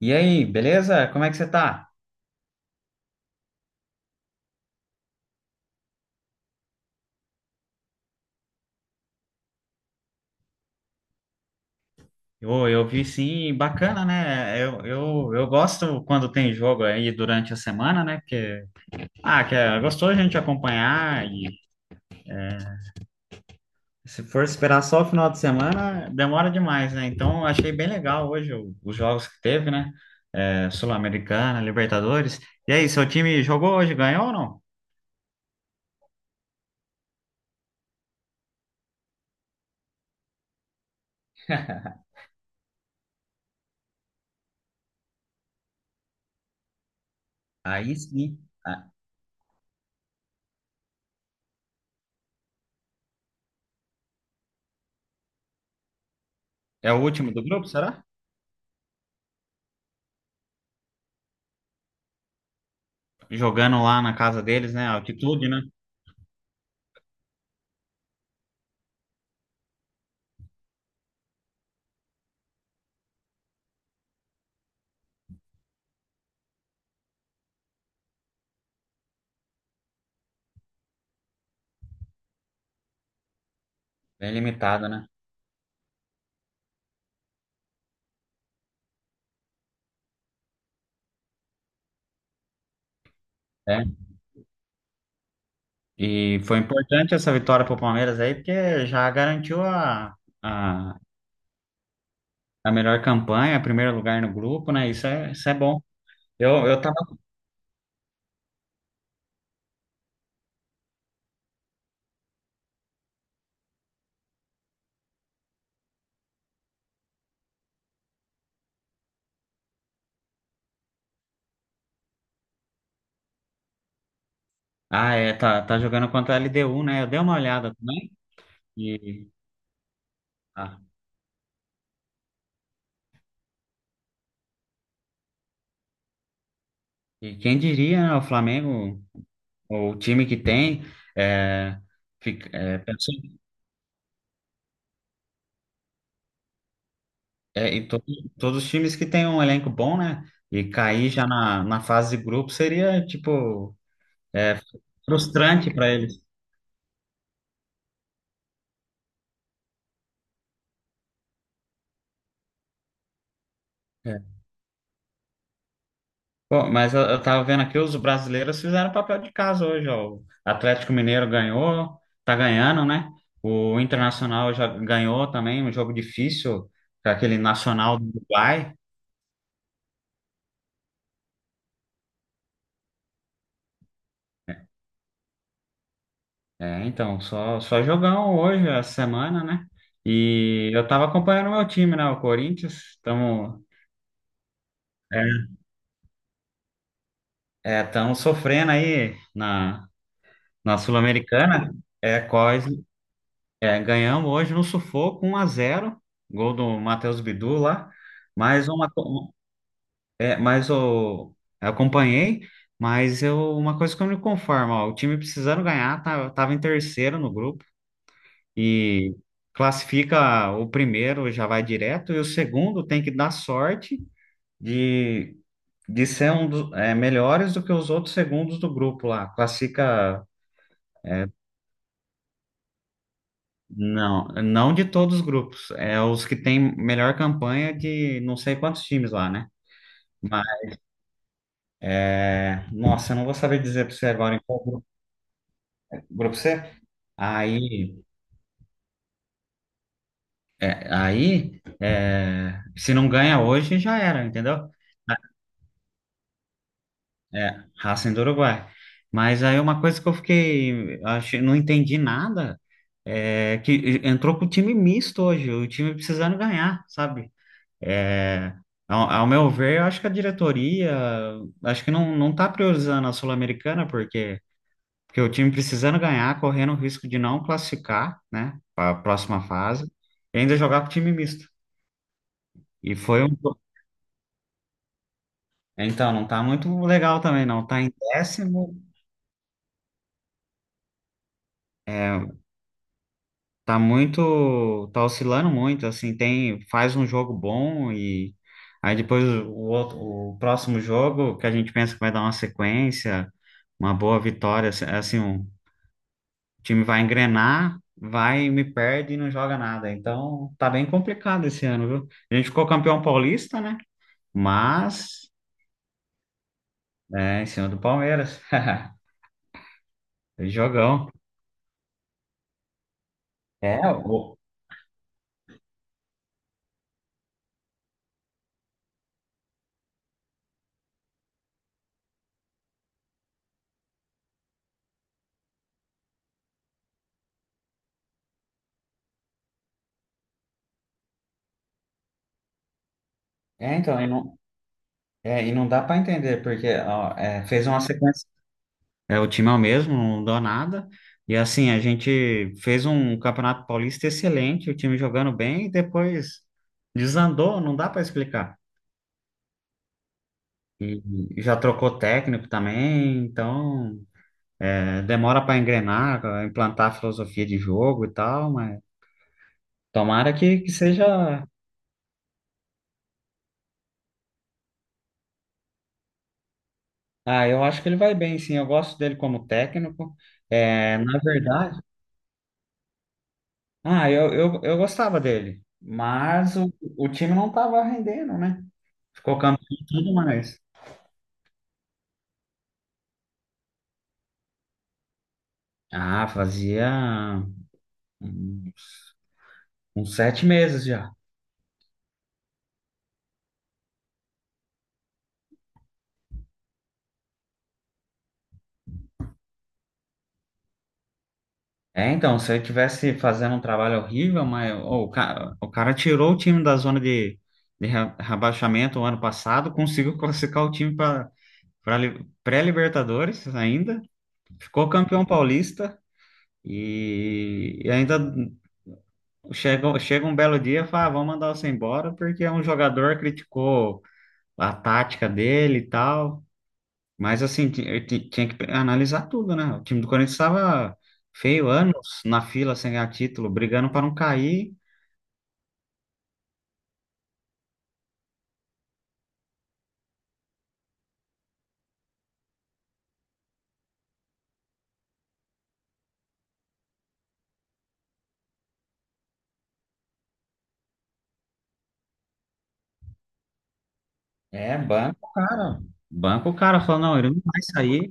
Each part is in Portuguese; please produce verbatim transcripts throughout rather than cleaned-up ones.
E aí, beleza? Como é que você tá? Eu, eu vi sim, bacana, né? Eu, eu, eu gosto quando tem jogo aí durante a semana, né? Que, ah, que é gostoso a gente acompanhar e se for esperar só o final de semana, demora demais, né? Então, eu achei bem legal hoje o- os jogos que teve, né? É, Sul-Americana, Libertadores. E aí, seu time jogou hoje, ganhou ou não? Aí sim. Ah. É o último do grupo, será? Jogando lá na casa deles, né? Altitude, né? Bem limitada, né? E foi importante essa vitória para o Palmeiras aí, porque já garantiu a, a, a melhor campanha, primeiro lugar no grupo, né? Isso é, isso é bom. Eu, eu tava. Ah, é, tá, tá jogando contra a L D U, né? Eu dei uma olhada também. E, ah, e quem diria, né? O Flamengo, o time que tem, é, fica- é, pensou- é, e to- todos os times que têm um elenco bom, né? E cair já na, na fase de grupo seria, tipo, é, frustrante para eles. É. Pô, mas eu, eu tava vendo aqui, os brasileiros fizeram papel de casa hoje, ó. O Atlético Mineiro ganhou, tá ganhando, né? O Internacional já ganhou também, um jogo difícil, com aquele Nacional do Uruguai. É, então, só, só jogão hoje, essa semana, né? E eu tava acompanhando o meu time, né? O Corinthians, estamos é, é, tamo sofrendo aí na, na Sul-Americana, é, com É, ganhamos hoje no sufoco um a zero, gol do Matheus Bidu lá, mas uma co- é, mas o eu acompanhei, mas eu uma coisa que eu não me conformo, ó, o time precisando ganhar, tá, tava em terceiro no grupo e classifica o primeiro já vai direto e o segundo tem que dar sorte de de ser um dos é, melhores do que os outros segundos do grupo lá. Classifica. é, Não, não de todos os grupos. É os que têm melhor campanha de não sei quantos times lá, né? Mas, é, nossa, eu não vou saber dizer para você agora em qual grupo. é. Grupo cê. Aí, é, aí é, Se não ganha hoje, já era, entendeu? É, Racing do Uruguai. Mas aí uma coisa que eu fiquei, achei, não entendi nada, é que entrou com o time misto hoje, o time precisando ganhar, sabe? É, ao, ao meu ver, eu acho que a diretoria, acho que não, não tá priorizando a Sul-Americana, porque, porque o time precisando ganhar, correndo o risco de não classificar, né, para a próxima fase, e ainda jogar com time misto. E foi um. Então, não tá muito legal também, não. Tá em décimo, tá muito, tá oscilando muito, assim, tem, faz um jogo bom e aí depois o outro, o próximo jogo que a gente pensa que vai dar uma sequência, uma boa vitória, assim, assim, um. O time vai engrenar, vai e me perde e não joga nada. Então, tá bem complicado esse ano, viu? A gente ficou campeão paulista, né? Mas, é, em cima do Palmeiras. Jogão. É, o- é, então, e não, é, e não dá para entender, porque ó, é, fez uma sequência. É, o time é o mesmo, não deu nada. E assim, a gente fez um Campeonato Paulista excelente, o time jogando bem, e depois desandou, não dá para explicar. E já trocou técnico também, então. É, demora para engrenar, pra implantar a filosofia de jogo e tal, mas tomara que, que seja. Ah, eu acho que ele vai bem, sim. Eu gosto dele como técnico. É, na verdade, ah, eu, eu, eu gostava dele, mas o, o time não estava rendendo, né? Ficou campeão e tudo mais. Ah, fazia uns, uns sete meses já. É, então, se ele tivesse fazendo um trabalho horrível, mas ô, o cara, o cara tirou o time da zona de, de re- rebaixamento o ano passado, conseguiu classificar o time para pré-Libertadores ainda, ficou campeão paulista e, e ainda chega, chega um belo dia e fala, ah, vamos mandar você embora porque um jogador criticou a tática dele e tal. Mas assim, ti- eu ti- tinha que pe- analisar tudo, né? O time do Corinthians estava feio, anos na fila sem ganhar título, brigando para não cair. É, banco, cara. Banco, o cara falou, não, ele não vai sair.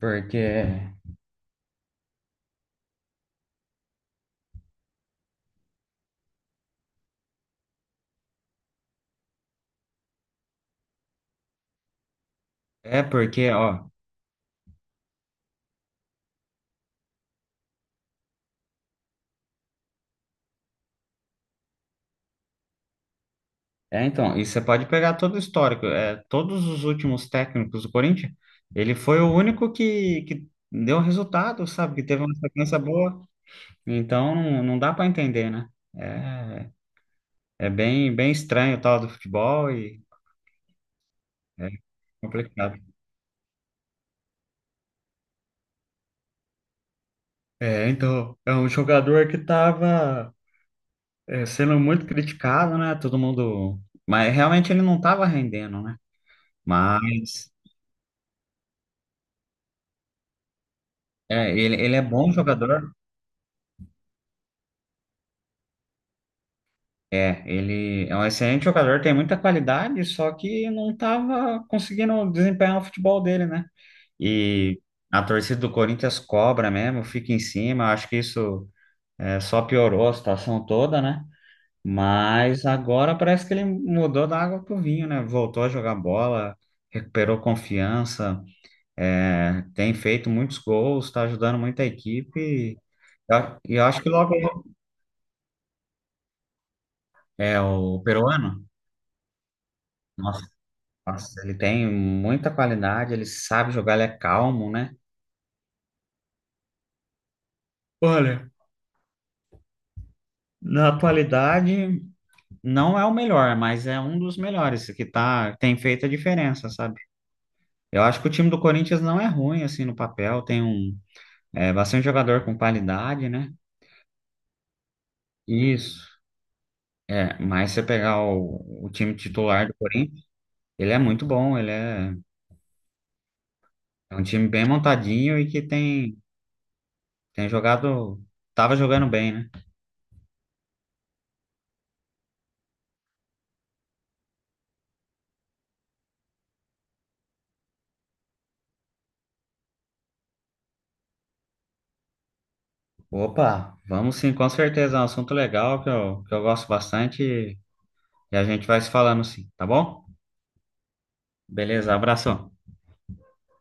Porque. É, porque, ó. É, então, e você pode pegar todo o histórico, é, todos os últimos técnicos do Corinthians, ele foi o único que, que deu resultado, sabe? Que teve uma sequência boa. Então, não, não dá para entender, né? É, é bem, bem estranho o tal do futebol. É complicado. É, então, é um jogador que estava sendo muito criticado, né? Todo mundo. Mas realmente ele não estava rendendo, né? Mas é, ele, ele é bom jogador. É, ele é um excelente jogador, tem muita qualidade, só que não estava conseguindo desempenhar o futebol dele, né? E a torcida do Corinthians cobra mesmo, fica em cima. Acho que isso é, só piorou a situação toda, né? Mas agora parece que ele mudou da água pro vinho, né? Voltou a jogar bola, recuperou confiança, é, tem feito muitos gols, está ajudando muito a equipe. E eu e eu acho que logo. É o peruano. Nossa, nossa, ele tem muita qualidade, ele sabe jogar, ele é calmo, né? Olha, na atualidade não é o melhor, mas é um dos melhores que tá, tem feito a diferença, sabe? Eu acho que o time do Corinthians não é ruim assim no papel, tem um. É bastante jogador com qualidade, né? Isso. É, mas você pegar o, o time titular do Corinthians, ele é muito bom, ele é, é um time bem montadinho e que tem, tem jogado, tava jogando bem, né? Opa, vamos sim, com certeza, é um assunto legal que eu, que eu gosto bastante e a gente vai se falando sim, tá bom? Beleza, abração.